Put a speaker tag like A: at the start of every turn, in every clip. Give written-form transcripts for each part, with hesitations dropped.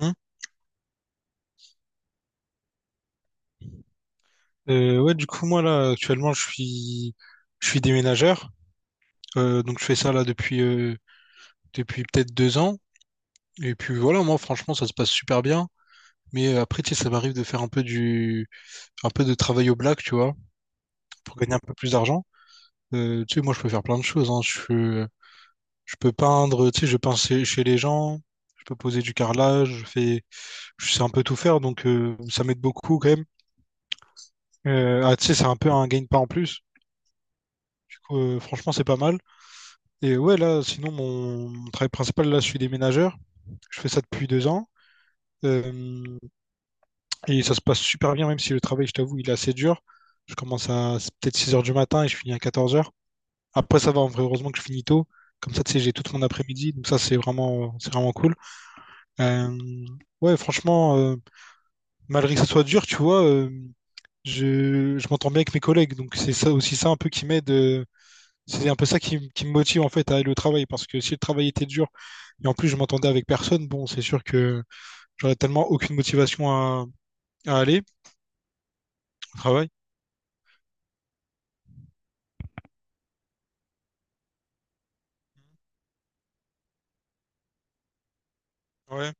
A: Hein Moi, là, actuellement, je suis déménageur. Donc je fais ça, là, depuis peut-être 2 ans. Et puis, voilà, moi, franchement, ça se passe super bien. Mais après, tu sais, ça m'arrive de faire un peu de travail au black, tu vois, pour gagner un peu plus d'argent. Tu sais, moi, je peux faire plein de choses, hein. Je peux peindre, tu sais, je peins chez les gens. Je peux poser du carrelage. Je sais un peu tout faire. Donc ça m'aide beaucoup, quand même. Tu sais, c'est un peu un gain de pas en plus. Du coup, franchement, c'est pas mal. Et ouais, là, sinon, mon travail principal, là, je suis déménageur. Je fais ça depuis 2 ans. Euh, et ça se passe super bien, même si le travail, je t'avoue, il est assez dur. Je commence à c'est peut-être 6 heures du matin et je finis à 14 heures. Après, ça va, en vrai, heureusement que je finis tôt. Comme ça, tu sais, j'ai toute mon après-midi. Donc ça, c'est vraiment cool. Euh, ouais, franchement, malgré que ça soit dur, tu vois, je m'entends bien avec mes collègues. Donc c'est ça aussi ça un peu qui m'aide. C'est un peu ça qui me motive en fait à aller au travail parce que si le travail était dur et en plus je m'entendais avec personne, bon, c'est sûr que j'aurais tellement aucune motivation à aller au travail. Ouais,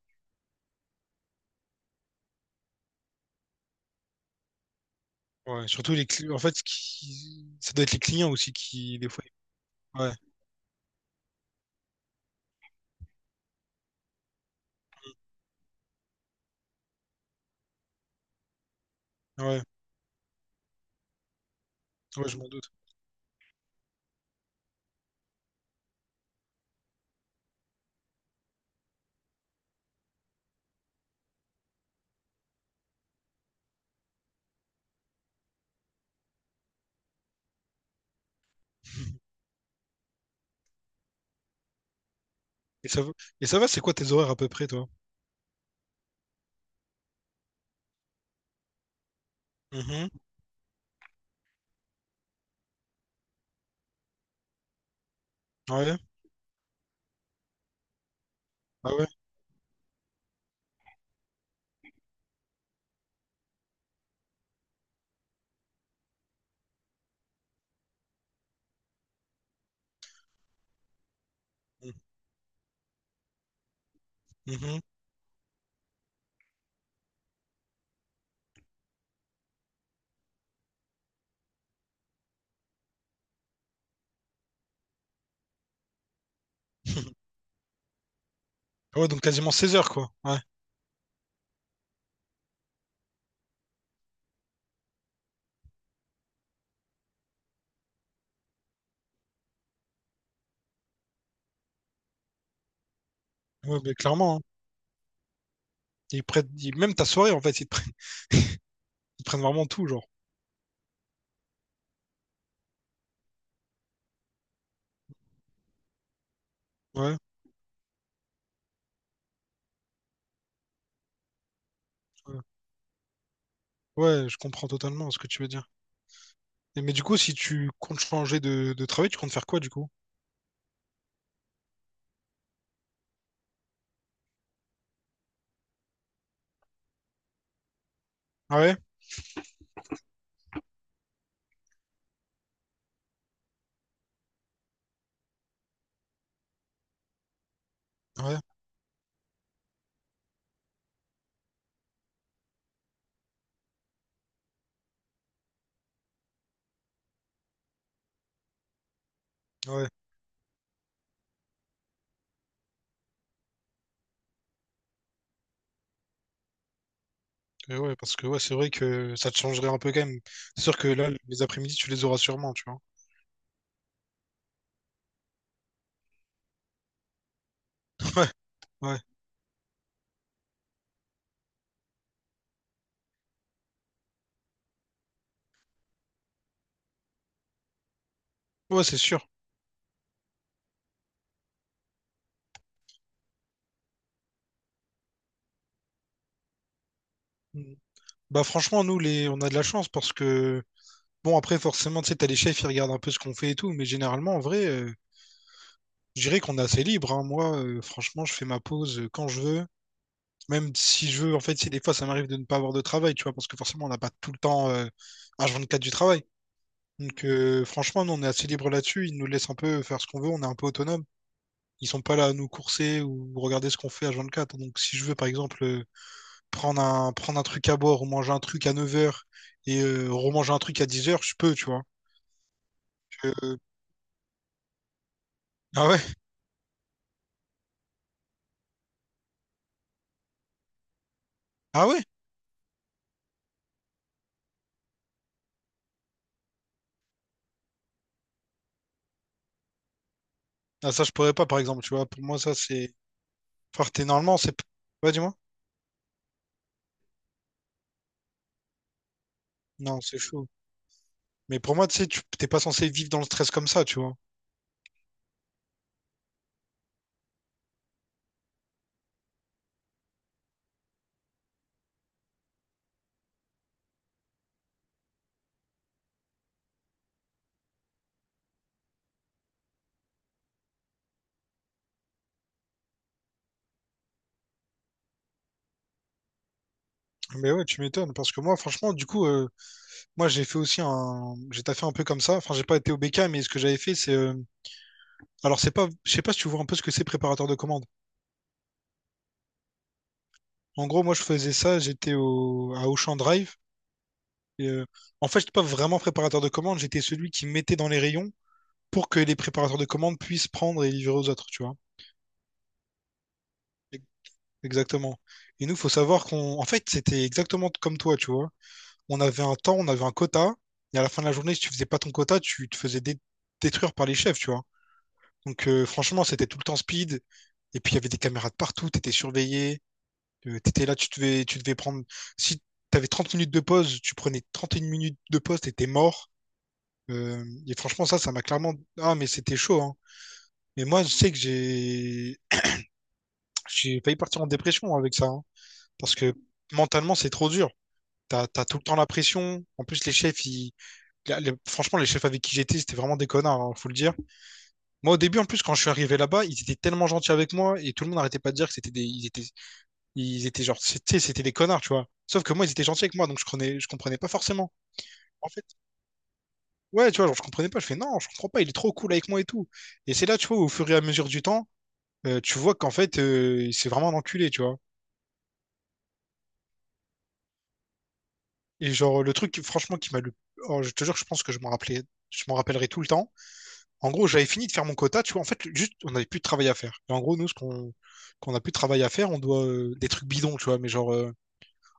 A: ouais. Surtout les cli- en fait, ce qui... ça doit être les clients aussi qui des fois. Ouais, ouais, ouais, je m'en doute. Et ça va, et ça va, c'est quoi tes horaires à peu près, toi? Mhm. Ouais, ah ouais. Mhm. Ah ouais, donc quasiment 16 heures, quoi. Ouais, ouais, mais clairement, hein. Même ta soirée, en fait, ils te prennent vraiment tout, genre. Ouais. Ouais. Ouais, je comprends totalement ce que tu veux dire. Et- mais du coup, si tu comptes changer de travail, tu comptes faire quoi du coup? Ah ouais? Ouais, ouais. Ouais, Parce que ouais, c'est vrai que ça te changerait un peu quand même. C'est sûr que là, les après-midi, tu les auras sûrement, tu vois. Ouais, ouais. Ouais, c'est sûr. Mm. Bah franchement, nous, les... on a de la chance parce que... Bon, après, forcément, tu sais, t'as les chefs, ils regardent un peu ce qu'on fait et tout, mais généralement, en vrai, je dirais qu'on est assez libre, hein. Moi, franchement, je fais ma pause quand je veux. Même si je veux, en fait, si des fois ça m'arrive de ne pas avoir de travail, tu vois, parce que forcément on n'a pas tout le temps H24 du travail. Donc franchement, nous, on est assez libre là-dessus. Ils nous laissent un peu faire ce qu'on veut, on est un peu autonome. Ils sont pas là à nous courser ou regarder ce qu'on fait H24. Donc si je veux, par exemple, euh, prendre un truc à boire ou manger un truc à 9 heures et remanger un truc à 10 heures, je peux, tu vois. Je- Ah ouais? Ah ouais? Ah, ça, je pourrais pas, par exemple, tu vois. Pour moi, ça, c'est... Enfin, t'es- normalement, c'est... Ouais, dis-moi. Non, c'est chaud. Mais pour moi, tu sais, tu t'es pas censé vivre dans le stress comme ça, tu vois. Mais ouais, tu m'étonnes, parce que moi, franchement, du coup, j'ai fait aussi un, j'ai taffé un peu comme ça. Enfin, j'ai pas été au BK, mais ce que j'avais fait, c'est, c'est pas, je sais pas si tu vois un peu ce que c'est préparateur de commande. En gros, moi, je faisais ça, à Auchan Drive. Et en fait, j'étais pas vraiment préparateur de commande. J'étais celui qui mettait dans les rayons pour que les préparateurs de commandes puissent prendre et livrer aux autres, tu vois. Exactement. Et nous, faut savoir qu'on, en fait, c'était exactement comme toi, tu vois. On avait un quota, et à la fin de la journée, si tu faisais pas ton quota, tu te faisais dé- détruire par les chefs, tu vois. Donc franchement, c'était tout le temps speed. Et puis, il y avait des caméras de partout, t'étais surveillé, t'étais là, tu devais prendre. Si t'avais 30 minutes de pause, tu prenais 31 minutes de pause, t'étais mort. Et franchement, ça m'a clairement. Ah, mais c'était chaud, hein. Mais moi, je sais que j'ai failli partir en dépression avec ça, hein. Parce que mentalement, c'est trop dur. T'as tout le temps la pression. En plus, les chefs, ils... la- les- franchement, les chefs avec qui j'étais, c'était vraiment des connards, hein, faut le dire. Moi, au début, en plus, quand je suis arrivé là-bas, ils étaient tellement gentils avec moi et tout le monde n'arrêtait pas de dire que c'était des connards, tu vois. Sauf que moi, ils étaient gentils avec moi, donc je comprenais pas forcément. En fait, ouais, tu vois, genre, je comprenais pas. Je fais non, je comprends pas. Il est trop cool avec moi et tout. Et c'est là, tu vois, au fur et à mesure du temps. Tu vois qu'en fait, c'est vraiment un enculé, tu vois. Et genre, le truc, qui- franchement, qui m'a le... oh, je te jure, je pense que je m'en rappelais... je m'en rappellerai tout le temps. En gros, j'avais fini de faire mon quota, tu vois. En fait, juste, on n'avait plus de travail à faire. Et en gros, nous, ce qu'on qu'on a plus de travail à faire, on doit des trucs bidons, tu vois. Mais genre,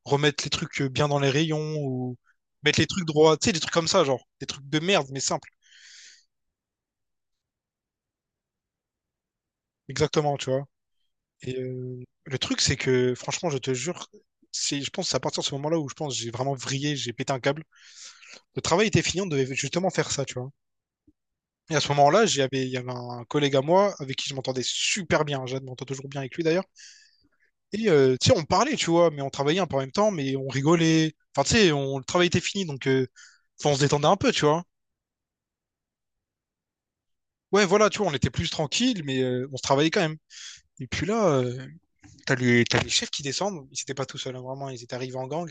A: remettre les trucs bien dans les rayons ou mettre les trucs droits. Tu sais, des trucs comme ça, genre. Des trucs de merde, mais simples. Exactement, tu vois. Et le truc, c'est que, franchement, je te jure, c'est, je pense, que c'est à partir de ce moment-là où je pense que j'ai vraiment vrillé, j'ai pété un câble. Le travail était fini, on devait justement faire ça, tu vois. Et à ce moment-là, il y avait un collègue à moi avec qui je m'entendais super bien. Je m'entends toujours bien avec lui d'ailleurs. Et tu sais, on parlait, tu vois, mais on travaillait un peu en même temps, mais on rigolait. Enfin, tu sais, le travail était fini, donc enfin, on se détendait un peu, tu vois. Ouais, voilà, tu vois, on était plus tranquille, mais on se travaillait quand même. Et puis là, t'as les chefs qui descendent. Ils étaient pas tout seuls, hein, vraiment. Ils étaient arrivés en gang.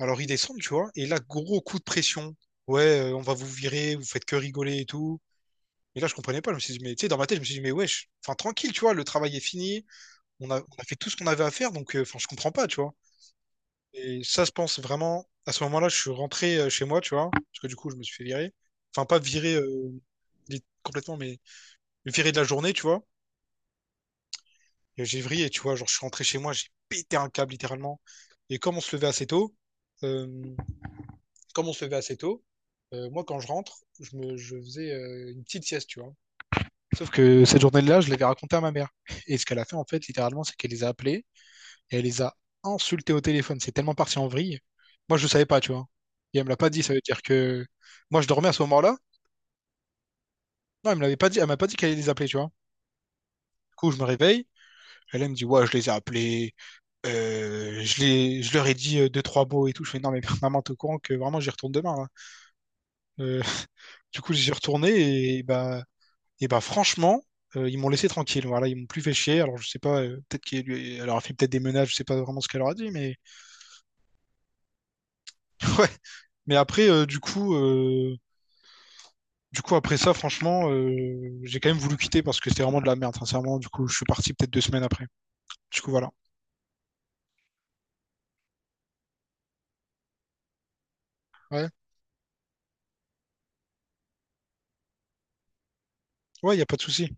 A: Alors ils descendent, tu vois. Et là, gros coup de pression. Ouais, on va vous virer, vous faites que rigoler et tout. Et là, je comprenais pas. Je me suis dit, mais tu sais, dans ma tête, je me suis dit, mais wesh, enfin, tranquille, tu vois, le travail est fini. On a fait tout ce qu'on avait à faire, donc, enfin, je comprends pas, tu vois. Et ça, je pense vraiment, à ce moment-là, je suis rentré chez moi, tu vois, parce que du coup, je me suis fait virer. Enfin, pas virer complètement, mais me virer de la journée, tu vois. Et j'ai vrillé, tu vois, genre, je suis rentré chez moi, j'ai pété un câble, littéralement. Et comme on se levait assez tôt, euh, Comme on se levait assez tôt, moi, quand je rentre, je faisais une petite sieste, tu vois. Sauf que cette journée-là, je l'avais raconté à ma mère. Et ce qu'elle a fait, en fait, littéralement, c'est qu'elle les a appelés et elle les a insultés au téléphone. C'est tellement parti en vrille. Moi, je ne savais pas, tu vois. Et elle me l'a pas dit, ça veut dire que moi, je dormais à ce moment-là. Non, elle me l'avait pas dit, elle m'a pas dit qu'elle allait les appeler, tu vois. Du coup, je me réveille. Elle me dit, ouais, je les ai appelés. Je leur ai dit deux, trois mots et tout. Je fais, non, mais maman, t'es au courant que vraiment, j'y retourne demain, là. Euh, du coup, j'y suis retourné et bah, franchement, ils m'ont laissé tranquille. Voilà, ils m'ont plus fait chier. Alors je sais pas, peut-être qu'elle leur a fait peut-être des menaces, je sais pas vraiment ce qu'elle leur a dit, mais ouais. Mais après, du coup après ça, franchement, j'ai quand même voulu quitter parce que c'était vraiment de la merde, sincèrement. Du coup, je suis parti peut-être 2 semaines après. Du coup, voilà. Ouais, ouais, y a pas de souci.